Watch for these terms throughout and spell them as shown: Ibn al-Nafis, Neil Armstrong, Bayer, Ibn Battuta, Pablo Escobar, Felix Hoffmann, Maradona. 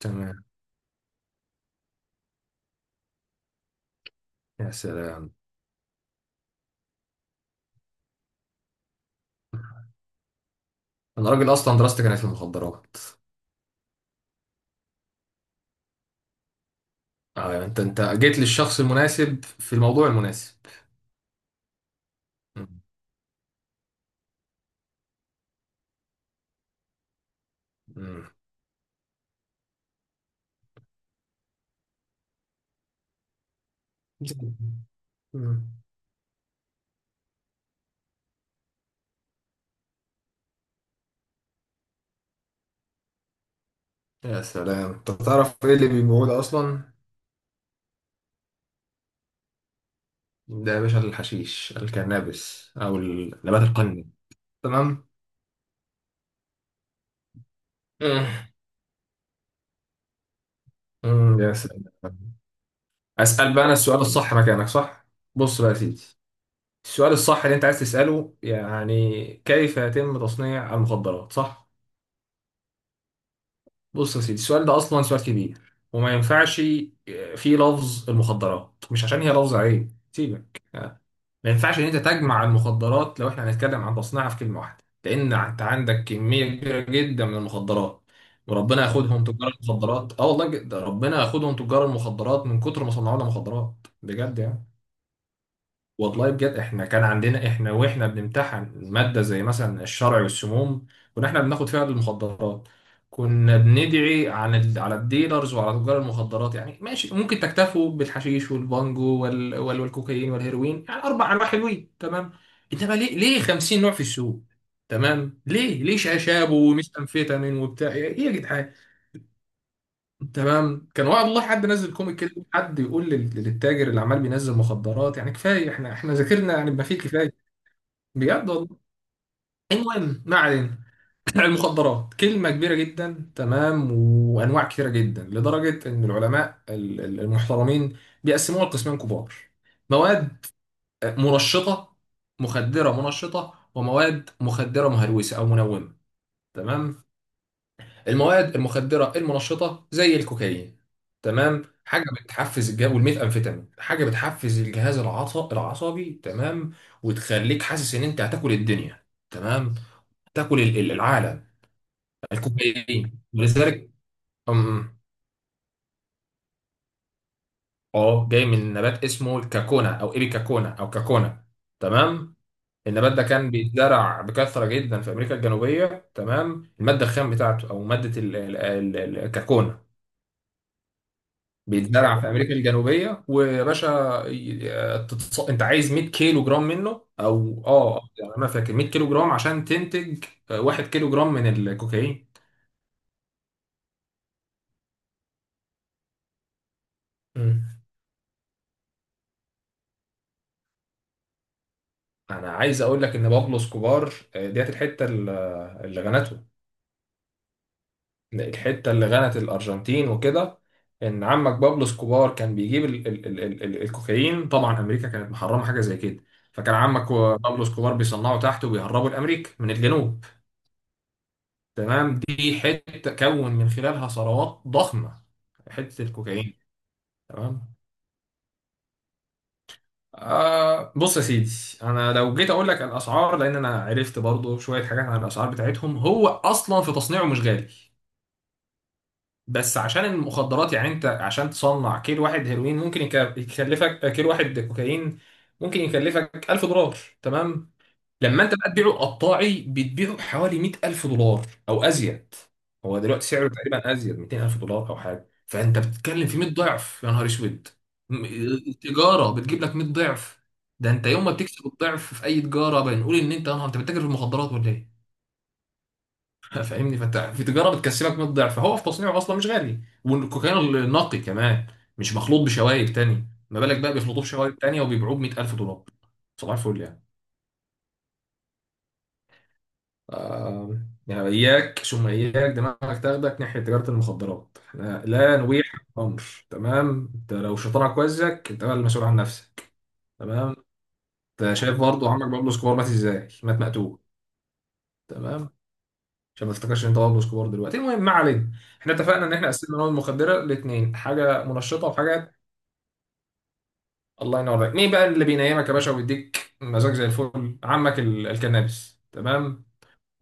تمام. يا سلام، انا راجل اصلا دراستي كانت في المخدرات. اه انت جيت للشخص المناسب في الموضوع المناسب. مم. مم. مم. يا سلام، انت تعرف ايه اللي بيبيعوه ده اصلا؟ ده يا باشا الحشيش، الكنابس او النبات القني. تمام. مم. مم. يا سلام. اسال بقى، انا السؤال الصح مكانك صح. بص بقى يا سيدي، السؤال الصح اللي انت عايز تساله يعني كيف يتم تصنيع المخدرات، صح. بص يا سيدي، السؤال ده اصلا سؤال كبير، وما ينفعش فيه لفظ المخدرات، مش عشان هي لفظ عيب سيبك. ما ينفعش ان انت تجمع المخدرات لو احنا هنتكلم عن تصنيعها في كلمه واحده، لان انت عندك كميه كبيره جدا من المخدرات. وربنا ياخدهم تجار المخدرات، اه والله ربنا ياخدهم تجار المخدرات من كتر ما صنعوا لنا مخدرات، بجد يعني. والله بجد احنا كان عندنا احنا واحنا بنمتحن مادة زي مثلا الشرع والسموم، كنا احنا بناخد فيها المخدرات. كنا بندعي عن على الديلرز وعلى تجار المخدرات، يعني ماشي ممكن تكتفوا بالحشيش والبانجو والكوكايين والهيروين، يعني اربع انواع حلوين، تمام. انما ليه ليه 50 نوع في السوق؟ تمام، ليه ليه شاشاب ومش امفيتامين وبتاع ايه يا جدعان؟ تمام، كان والله حد نزل كوميك كده، حد يقول للتاجر اللي عمال بينزل مخدرات، يعني كفايه احنا ذاكرنا، يعني ما فيه كفايه. بجد والله. المهم ما علينا. المخدرات كلمه كبيره جدا تمام، وانواع كثيره جدا لدرجه ان العلماء المحترمين بيقسموها لقسمين كبار. مواد مرشطه مخدره منشطه، ومواد مخدره مهلوسه او منومه. تمام. المواد المخدره المنشطه زي الكوكايين، تمام، حاجه بتحفز الجهاز، والميثامفيتامين حاجه بتحفز الجهاز العصبي، تمام، وتخليك حاسس ان انت هتاكل الدنيا. تمام، تاكل العالم. الكوكايين، ولذلك أم- اه جاي من نبات اسمه الكاكونا او ايبيكاكونا او كاكونا. تمام. النبات ده كان بيتزرع بكثره جدا في امريكا الجنوبيه، تمام، الماده الخام بتاعته او ماده الكاكونا بيتزرع في امريكا الجنوبيه. ويا باشا، انت عايز 100 كيلو جرام منه، او اه يعني ما فاكر، 100 كيلو جرام عشان تنتج 1 كيلو جرام من الكوكايين. مم. انا عايز اقول لك ان بابلو اسكوبار، ديت الحته اللي غنته، الحته اللي غنت الارجنتين وكده، ان عمك بابلو اسكوبار كان بيجيب ال الكوكايين. طبعا امريكا كانت محرمه حاجه زي كده، فكان عمك بابلو اسكوبار بيصنعوا تحت وبيهربوا لامريكا من الجنوب. تمام، دي حته كون من خلالها ثروات ضخمه، حته الكوكايين. تمام. آه بص يا سيدي، انا لو جيت اقول لك الاسعار، لان انا عرفت برضو شويه حاجات عن الاسعار بتاعتهم، هو اصلا في تصنيعه مش غالي، بس عشان المخدرات يعني. انت عشان تصنع كيلو واحد هيروين ممكن يكلفك، كيلو واحد كوكايين ممكن يكلفك $1000. تمام. لما انت بقى تبيعه قطاعي بتبيعه بحوالي $100000 او ازيد. هو دلوقتي سعره تقريبا ازيد $200000 او حاجه، فانت بتتكلم في 100 ضعف، يا نهار اسود. م- التجاره بتجيب لك 100 ضعف؟ ده انت يوم ما بتكسب الضعف في اي تجاره بنقول ان انت يا نهار انت بتتاجر في المخدرات ولا ايه؟ فاهمني؟ فانت في تجاره بتكسبك 100 ضعف، فهو في تصنيعه اصلا مش غالي، والكوكايين النقي كمان مش مخلوط بشوائب تاني، ما بالك بقى بيخلطوه بشوائب تانيه وبيبيعوه ب $100000؟ صباح الفل يعني. آه، يعني إياك ثم إياك دماغك تاخدك ناحية تجارة المخدرات. إحنا لا نبيح أمر. تمام، أنت لو شيطانك وزك أنت بقى المسؤول عن نفسك، تمام. أنت شايف برضه عمك بابلو اسكوبار مات إزاي؟ مات مقتول، تمام، عشان ما تفتكرش إن أنت بابلو اسكوبار دلوقتي. المهم ما علينا. إحنا اتفقنا إن إحنا قسمنا المواد المخدرة لاتنين، حاجة منشطة وحاجة. الله ينور عليك. مين بقى اللي بينيمك يا باشا ويديك مزاج زي الفل؟ عمك الكنابس، تمام،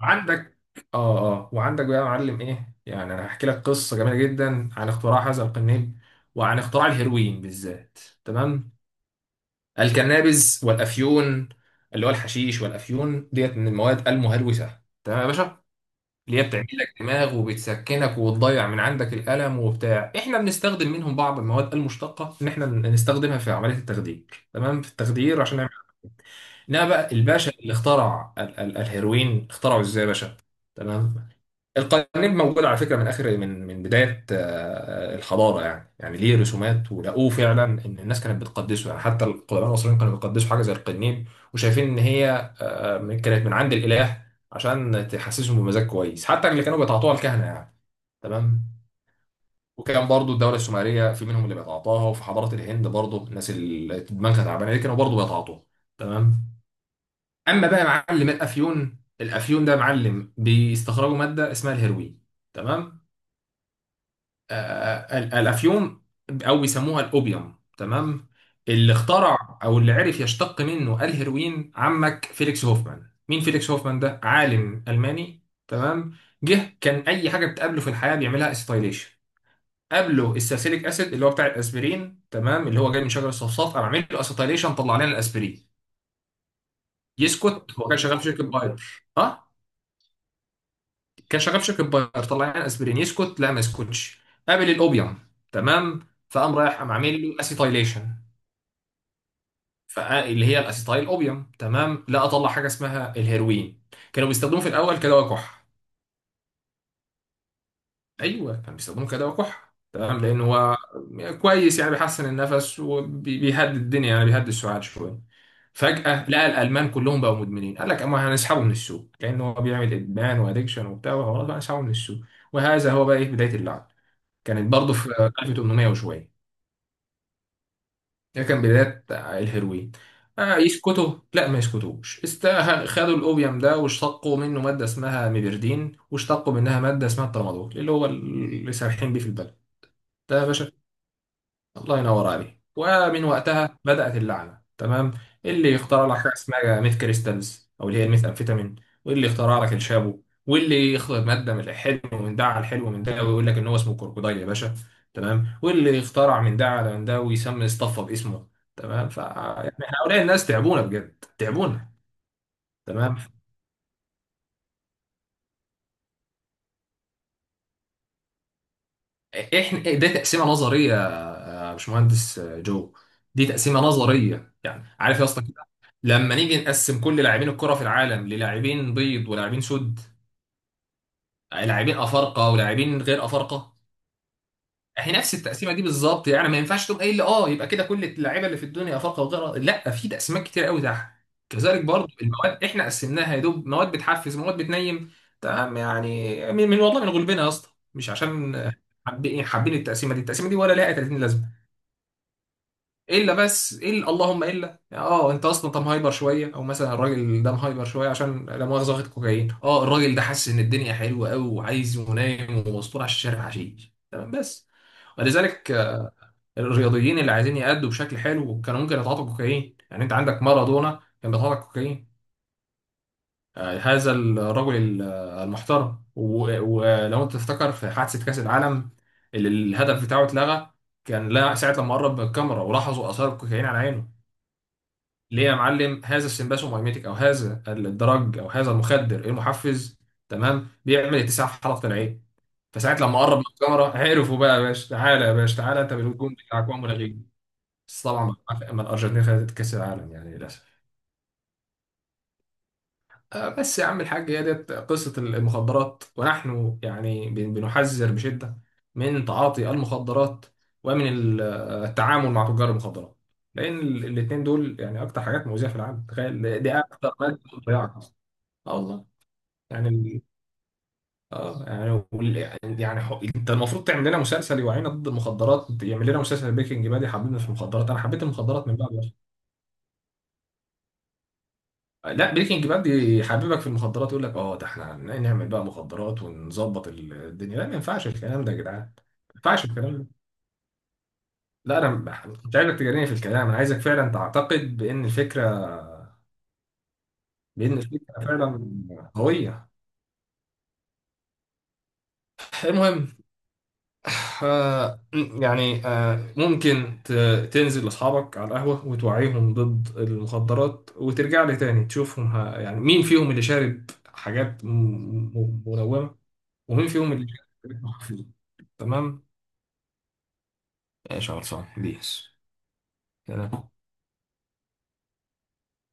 عندك. اه اه، وعندك بقى يا معلم ايه، يعني انا هحكي لك قصه جميله جدا عن اختراع هذا القنيل، وعن اختراع الهيروين بالذات. تمام. الكنابز والافيون، اللي هو الحشيش والافيون، ديت من المواد المهلوسه تمام يا باشا، اللي هي بتعمل لك دماغ وبتسكنك وبتضيع من عندك الالم وبتاع. احنا بنستخدم منهم بعض المواد المشتقه ان احنا نستخدمها في عمليه التخدير، تمام، في التخدير عشان نعمل. انما بقى الباشا اللي اخترع ال الهيروين اخترعه ازاي يا باشا. تمام. القليب موجود على فكرة من آخر من من بداية الحضارة يعني، يعني ليه رسومات ولقوه فعلا إن الناس كانت بتقدسه، يعني حتى القدماء المصريين كانوا بيقدسوا حاجة زي القنيب، وشايفين إن هي كانت من عند الإله عشان تحسسهم بمزاج كويس، حتى اللي كانوا بيتعاطوها الكهنة يعني. تمام. وكان برضو الدولة السومرية في منهم اللي بيتعاطاها، وفي حضارة الهند برضو الناس اللي دماغها تعبانة دي كانوا برضو بيتعاطوها، تمام. أما بقى معلم الأفيون، الأفيون ده معلم بيستخرجوا مادة اسمها الهيروين، تمام. الافيون او بيسموها الاوبيوم، تمام. اللي اخترع او اللي عرف يشتق منه الهيروين عمك فيليكس هوفمان. مين فيليكس هوفمان ده؟ عالم الماني، تمام. جه كان اي حاجه بتقابله في الحياه بيعملها اسيتايليشن. قابله الساسيليك اسيد اللي هو بتاع الاسبرين، تمام، اللي هو جاي من شجر الصفصاف، انا عامل له اسيتايليشن، طلع لنا الاسبرين. يسكت؟ هو كان شغال في شركه باير، اه. كان شغال في شركه باير، طلعنا اسبرين، يسكت؟ لا ما يسكتش. قابل الاوبيوم، تمام، فقام رايح قام عامل له اسيتايليشن، اللي هي الاسيتايل اوبيوم، تمام، لا اطلع حاجه اسمها الهيروين. كانوا بيستخدموه في الاول كدواء كح. ايوه كانوا بيستخدموه كدواء كح، تمام، لان هو كويس يعني، بيحسن النفس وبيهدي الدنيا يعني، بيهدي السعال شويه. فجاه لقى الالمان كلهم بقوا مدمنين. قال لك اما هنسحبه من السوق، كانه هو بيعمل ادمان وادكشن وبتاع وحوارات، هنسحبه من السوق. وهذا هو بقى ايه بدايه اللعب، كانت برضه في 1800 وشويه، ده كان بدايه الهيروين. آه يسكتوا؟ لا ما يسكتوش استاهل. خدوا الاوبيوم ده واشتقوا منه ماده اسمها ميبردين، واشتقوا منها ماده اسمها الترامادول، اللي هو اللي سارحين بيه في البلد ده يا باشا. الله ينور عليك. ومن وقتها بدأت اللعنة، تمام. اللي يخترع لك حاجة اسمها ميث كريستالز، أو اللي هي الميث أمفيتامين، واللي يخترع لك الشابو، واللي يخلط مادة من الحلو من ده على الحلو من ده ويقول لك إن هو اسمه كروكودايل يا باشا، تمام، واللي يخترع من ده على من ده ويسمي اصطفى باسمه، تمام، ف يعني هؤلاء الناس تعبونا بجد، تعبونا. تمام. احنا ده تقسيمه نظريه يا باشمهندس جو، دي تقسيمه نظريه يعني، عارف يا اسطى كده؟ لما نيجي نقسم كل لاعبين الكره في العالم للاعبين بيض ولاعبين سود، لاعبين افارقه ولاعبين غير افارقه، هي نفس التقسيمه دي بالظبط. يعني ما ينفعش تقوم قايل لي اه يبقى كده كل اللعيبه اللي في الدنيا افارقه وغيرها، لا، في تقسيمات كتير قوي تحت. كذلك برضو المواد احنا قسمناها يا دوب، مواد بتحفز مواد بتنيم، تمام، يعني من من والله من غلبنا يا اسطى، مش عشان حابين التقسيمه دي ولا لها 30 لازمه. الا بس الا اللهم الا، يعني اه انت اصلا طب هايبر شويه، او مثلا الراجل ده مهايبر شويه عشان لا مؤاخذه واخد كوكايين، اه الراجل ده حاسس ان الدنيا حلوه قوي وعايز ينام ومسطول على الشارع حشيش، تمام، بس. ولذلك الرياضيين اللي عايزين يأدوا بشكل حلو كانوا ممكن يتعاطوا كوكايين، يعني انت عندك مارادونا كان بيتعاطى كوكايين. هذا الرجل المحترم، ولو انت تفتكر في حادثه كاس العالم اللي الهدف بتاعه اتلغى، كان لا ساعه لما قرب من الكاميرا ولاحظوا اثار الكوكايين على عينه. ليه يا معلم؟ هذا السمباس مايميتيك او هذا الدرج او هذا المخدر، إيه المحفز، تمام، بيعمل اتساع في حلقه العين، فساعات لما قرب من الكاميرا عرفوا. بقى يا باشا تعالى يا باشا تعالى انت بالهجوم بتاعك وهم لاغيين. بس طبعا ما الارجنتين خدت كاس العالم يعني، للاسف. بس يا عم الحاج، هي ديت قصه المخدرات، ونحن يعني بنحذر بشده من تعاطي المخدرات، ومن التعامل مع تجار المخدرات، لان الاثنين دول يعني اكتر حاجات مؤذيه في العالم. تخيل، دي اكتر ماده بتضيعك. اه والله. يعني اه يعني وال- يعني انت المفروض تعمل لنا مسلسل يوعينا ضد المخدرات. يعمل لنا مسلسل بريكنج باد يحببنا في المخدرات، انا حبيت المخدرات من بعد بس. لا، بريكنج باد يحببك في المخدرات، يقول لك اه ده احنا نعمل بقى مخدرات ونظبط الدنيا، لا ما ينفعش الكلام ده يا جدعان، ما ينفعش الكلام ده. لا انا مش عايزك تجاريني في الكلام، انا عايزك فعلا تعتقد بان الفكره، بان الفكره فعلا قويه. المهم، يعني ممكن تنزل لأصحابك على القهوة وتوعيهم ضد المخدرات، وترجع لي تاني تشوفهم، يعني مين فيهم اللي شارب حاجات منومة، ومين فيهم اللي شارب حاجات مخفية. تمام. ايش خلصان بيس. سلام.